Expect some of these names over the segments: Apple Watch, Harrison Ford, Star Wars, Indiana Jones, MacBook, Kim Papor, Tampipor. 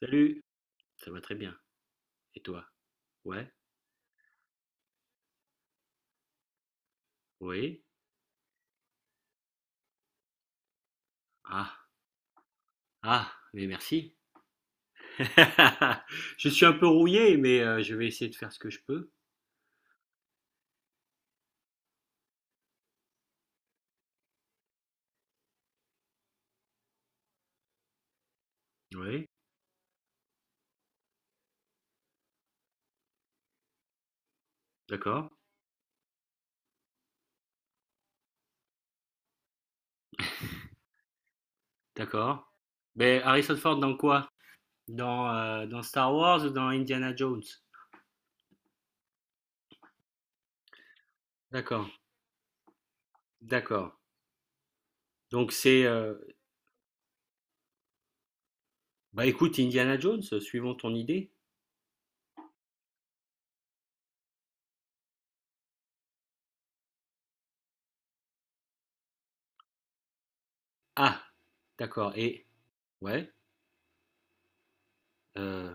Salut, ça va très bien. Et toi? Ouais, oui. Ah, ah, mais merci. Je suis un peu rouillé, mais je vais essayer de faire ce que je peux. Oui, d'accord, d'accord. Mais Harrison Ford dans quoi? Dans, dans Star Wars ou dans Indiana Jones? D'accord, d'accord. Donc c'est... euh, Bah écoute, Indiana Jones, suivons ton idée. Ah, d'accord. Et... Ouais, euh,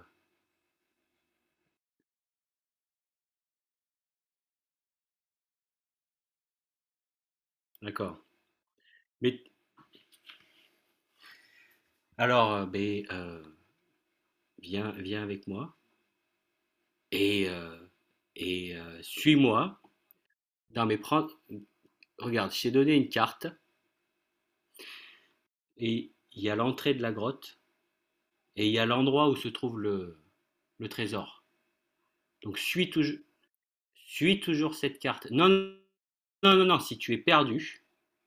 d'accord. Mais alors, viens avec moi. Et, suis-moi dans mes prends, regarde, je t'ai donné une carte et il y a l'entrée de la grotte et il y a l'endroit où se trouve le trésor. Donc suis touj suis toujours cette carte. Non, non, non, non, si tu es perdu,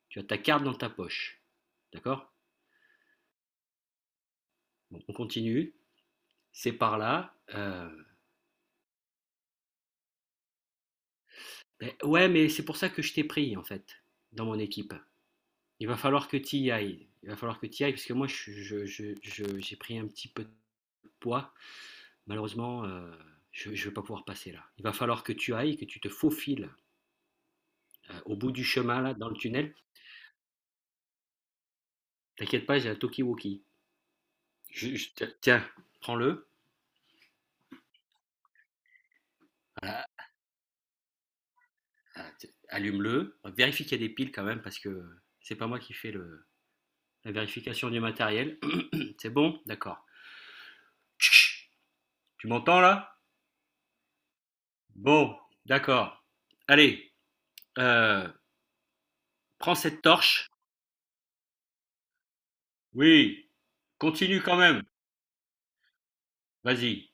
tu as ta carte dans ta poche, d'accord? Bon, on continue, c'est par là, beh, ouais, mais c'est pour ça que je t'ai pris, en fait, dans mon équipe. Il va falloir que tu y ailles, il va falloir que tu y ailles parce que moi je j'ai pris un petit peu de poids. Malheureusement, je ne vais pas pouvoir passer là. Il va falloir que tu ailles, que tu te faufiles, au bout du chemin là, dans le tunnel. T'inquiète pas, j'ai un talkie-walkie. Je te tiens, prends-le, a a t allume-le, vérifie qu'il y a des piles quand même parce que c'est pas moi qui fais le la vérification du matériel. C'est bon? D'accord. Tch, tu m'entends là? Bon, d'accord. Allez, heu, prends cette torche. Oui, continue quand même, vas-y.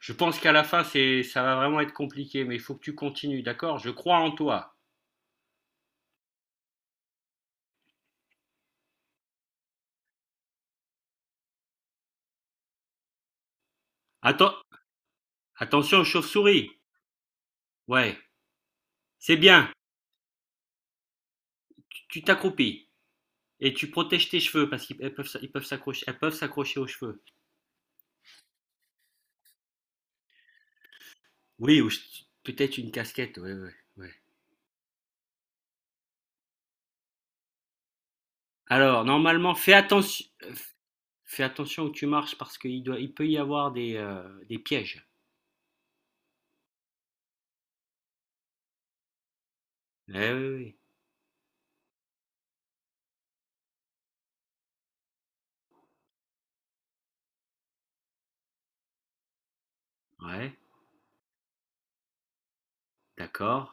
Je pense qu'à la fin, ça va vraiment être compliqué, mais il faut que tu continues, d'accord. Je crois en toi. Atten- attention aux chauves-souris. Ouais, c'est bien. Tu t'accroupis et tu protèges tes cheveux parce qu'ils elles peuvent, elles peuvent s'accrocher aux cheveux. Oui, peut-être une casquette. Ouais, ouais, ouais. Alors, normalement, fais attention où tu marches parce il peut y avoir des pièges. Ouais, ouais, ouais. Ouais, d'accord.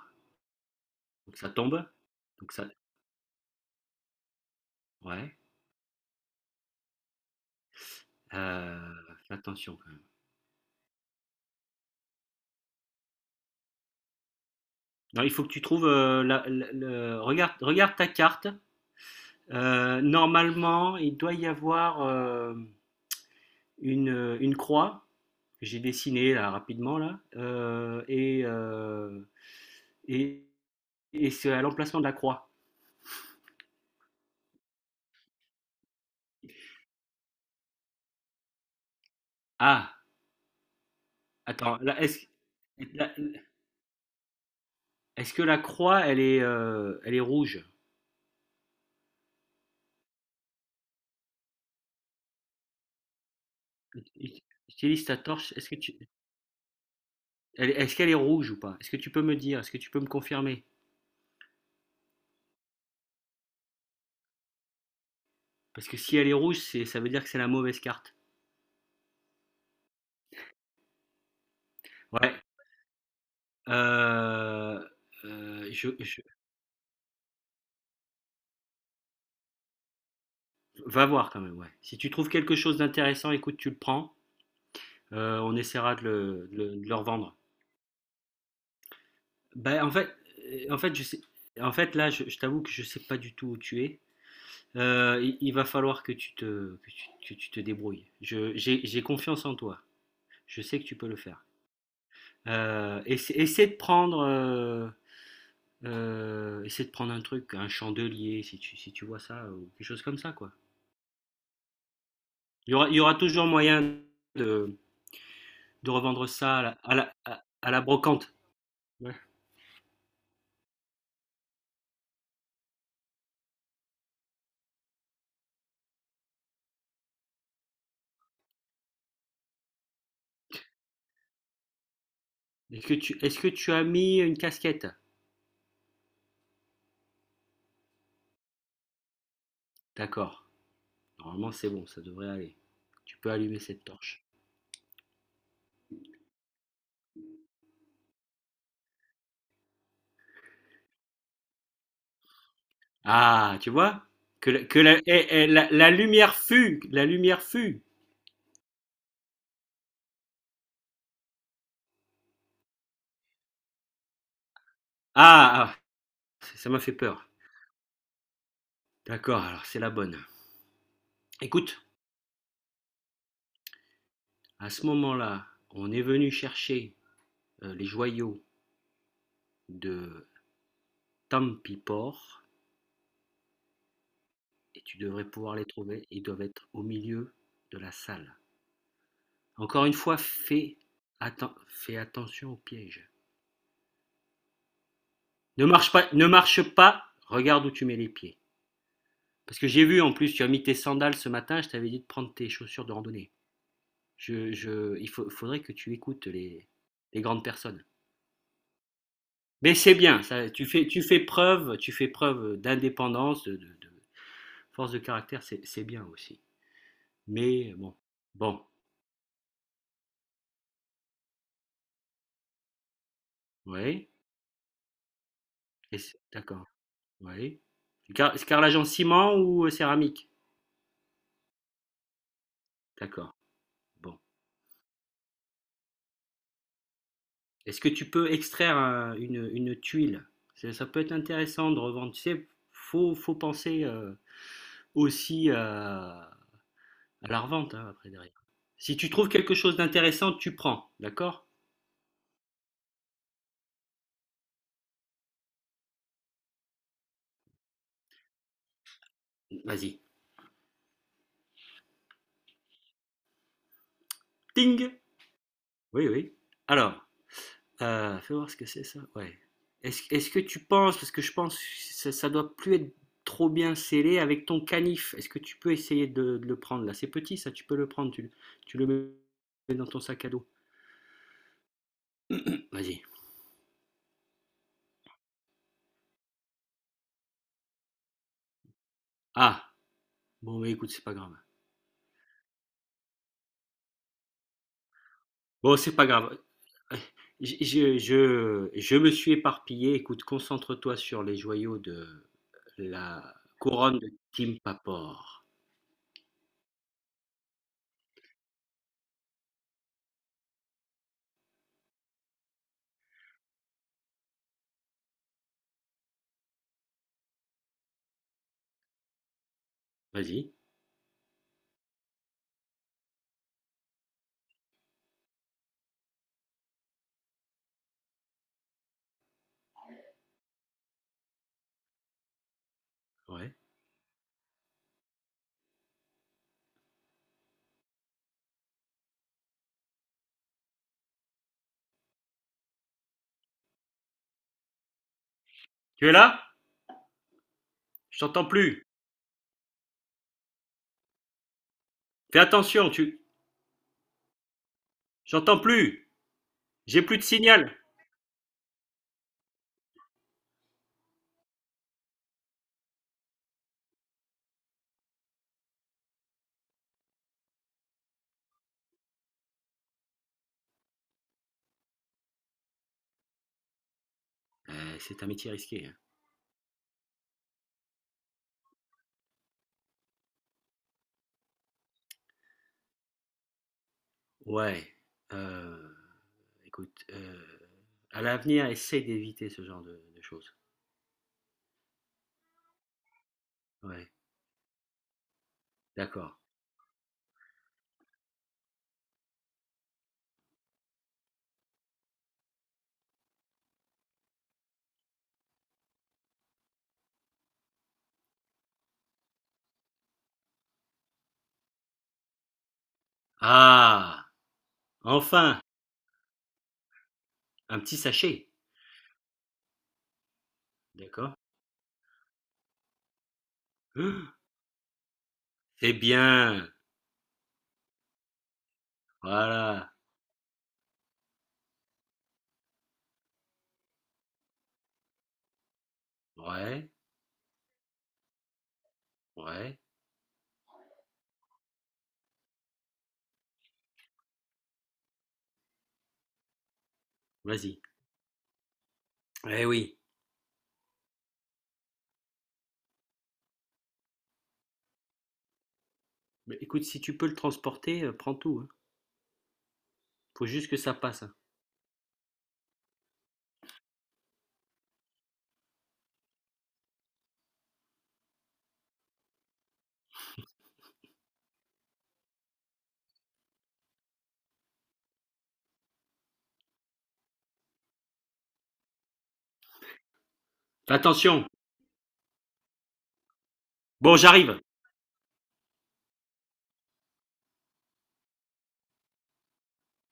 Donc ça tombe. Donc ça, ouais. Fais attention. Non, il faut que tu trouves, regarde, regarde ta carte. Normalement, il doit y avoir une croix que j'ai dessinée là, rapidement là. Et, et c'est à l'emplacement de la croix. Ah, attends, là, est-ce que la croix, elle est rouge? Ut- Utilise ta torche. Est-ce que tu, elle- est-ce qu'elle est rouge ou pas? Est-ce que tu peux me dire? Est-ce que tu peux me confirmer? Parce que si elle est rouge, ça veut dire que c'est la mauvaise carte. Ouais, Heu je va voir quand même, ouais. Si tu trouves quelque chose d'intéressant, écoute, tu le prends, on essaiera de le revendre. Bah, en fait, heu, en fait, je sais là, je t'avoue que je sais pas du tout où tu es. Il va falloir que tu te débrouilles. Je j'ai confiance en toi. Je sais que tu peux le faire. Essaie de prendre, essaie de prendre un truc, un chandelier si tu vois ça, ou quelque chose comme ça, quoi. Il y aura toujours moyen de De revendre ça à la brocante. Ouais. Est-ce que tu as mis une casquette? D'accord. Normalement, c'est bon, ça devrait aller. Tu peux allumer cette torche. Ah, tu vois? Que la, eh, eh, la- la lumière fut, la lumière fut. Ah, ah, ça m'a fait peur. D'accord, alors c'est la bonne. Écoute, à ce moment-là, on est venu chercher les joyaux de Tampipor et tu devrais pouvoir les trouver. Ils doivent être au milieu de la salle. Encore une fois, fais attention aux pièges. Ne marche pas, regarde où tu mets les pieds. Parce que j'ai vu, en plus, tu as mis tes sandales ce matin, je t'avais dit de prendre tes chaussures de randonnée. Faudrait que tu écoutes les grandes personnes. Mais c'est bien, ça, tu fais preuve d'indépendance, de force de caractère, c'est bien aussi. Mais bon, bon, oui, d'accord, oui. Carrelage en ciment ou céramique? D'accord, bon. Est-ce que tu peux extraire une tuile? Ça peut être intéressant de revendre. Tu sais, faut, faut penser aussi à la revente hein, après derrière. Si tu trouves quelque chose d'intéressant, tu prends, d'accord? Vas-y. Ting! Oui, oui. Alors, fais voir ce que c'est ça. Ouais. Est-ce que tu penses, parce que je pense que ça doit plus être trop bien scellé avec ton canif. Est-ce que tu peux essayer de le prendre là? C'est petit ça, tu peux le prendre, tu le mets dans ton sac à dos. Vas-y. Ah, bon, bah, écoute, c'est pas grave. Bon, c'est pas grave. Je me suis éparpillé. Écoute, concentre-toi sur les joyaux de la couronne de Kim Papor. Vas-y. Ouais. Tu es là? Je t'entends plus. Fais attention, tu. J'entends plus. J'ai plus de signal. C'est un métier risqué, hein. Ouais. Euh, écoute, à l'avenir, essaye d'éviter ce genre de choses. Ouais. D'accord. Ah, enfin, un petit sachet. D'accord. C'est bien. Voilà. Ouais, ouais. Vas-y. Eh oui. Mais écoute, si tu peux le transporter, prends tout, hein. Faut juste que ça passe, hein. Attention. Bon, j'arrive.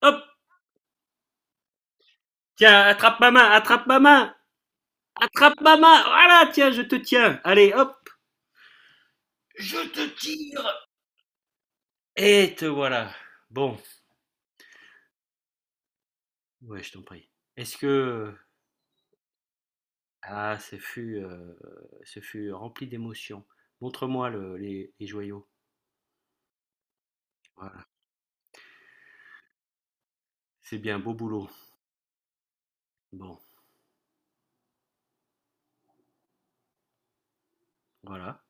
Hop. Tiens, attrape ma main, attrape ma main. Attrape ma main. Voilà, tiens, je te tiens. Allez, hop. Je te tire. Et te voilà. Bon. Ouais, je t'en prie. Est-ce que... Ah, ce fut rempli d'émotions. Montre-moi les joyaux. Voilà. C'est bien, beau boulot. Bon, voilà.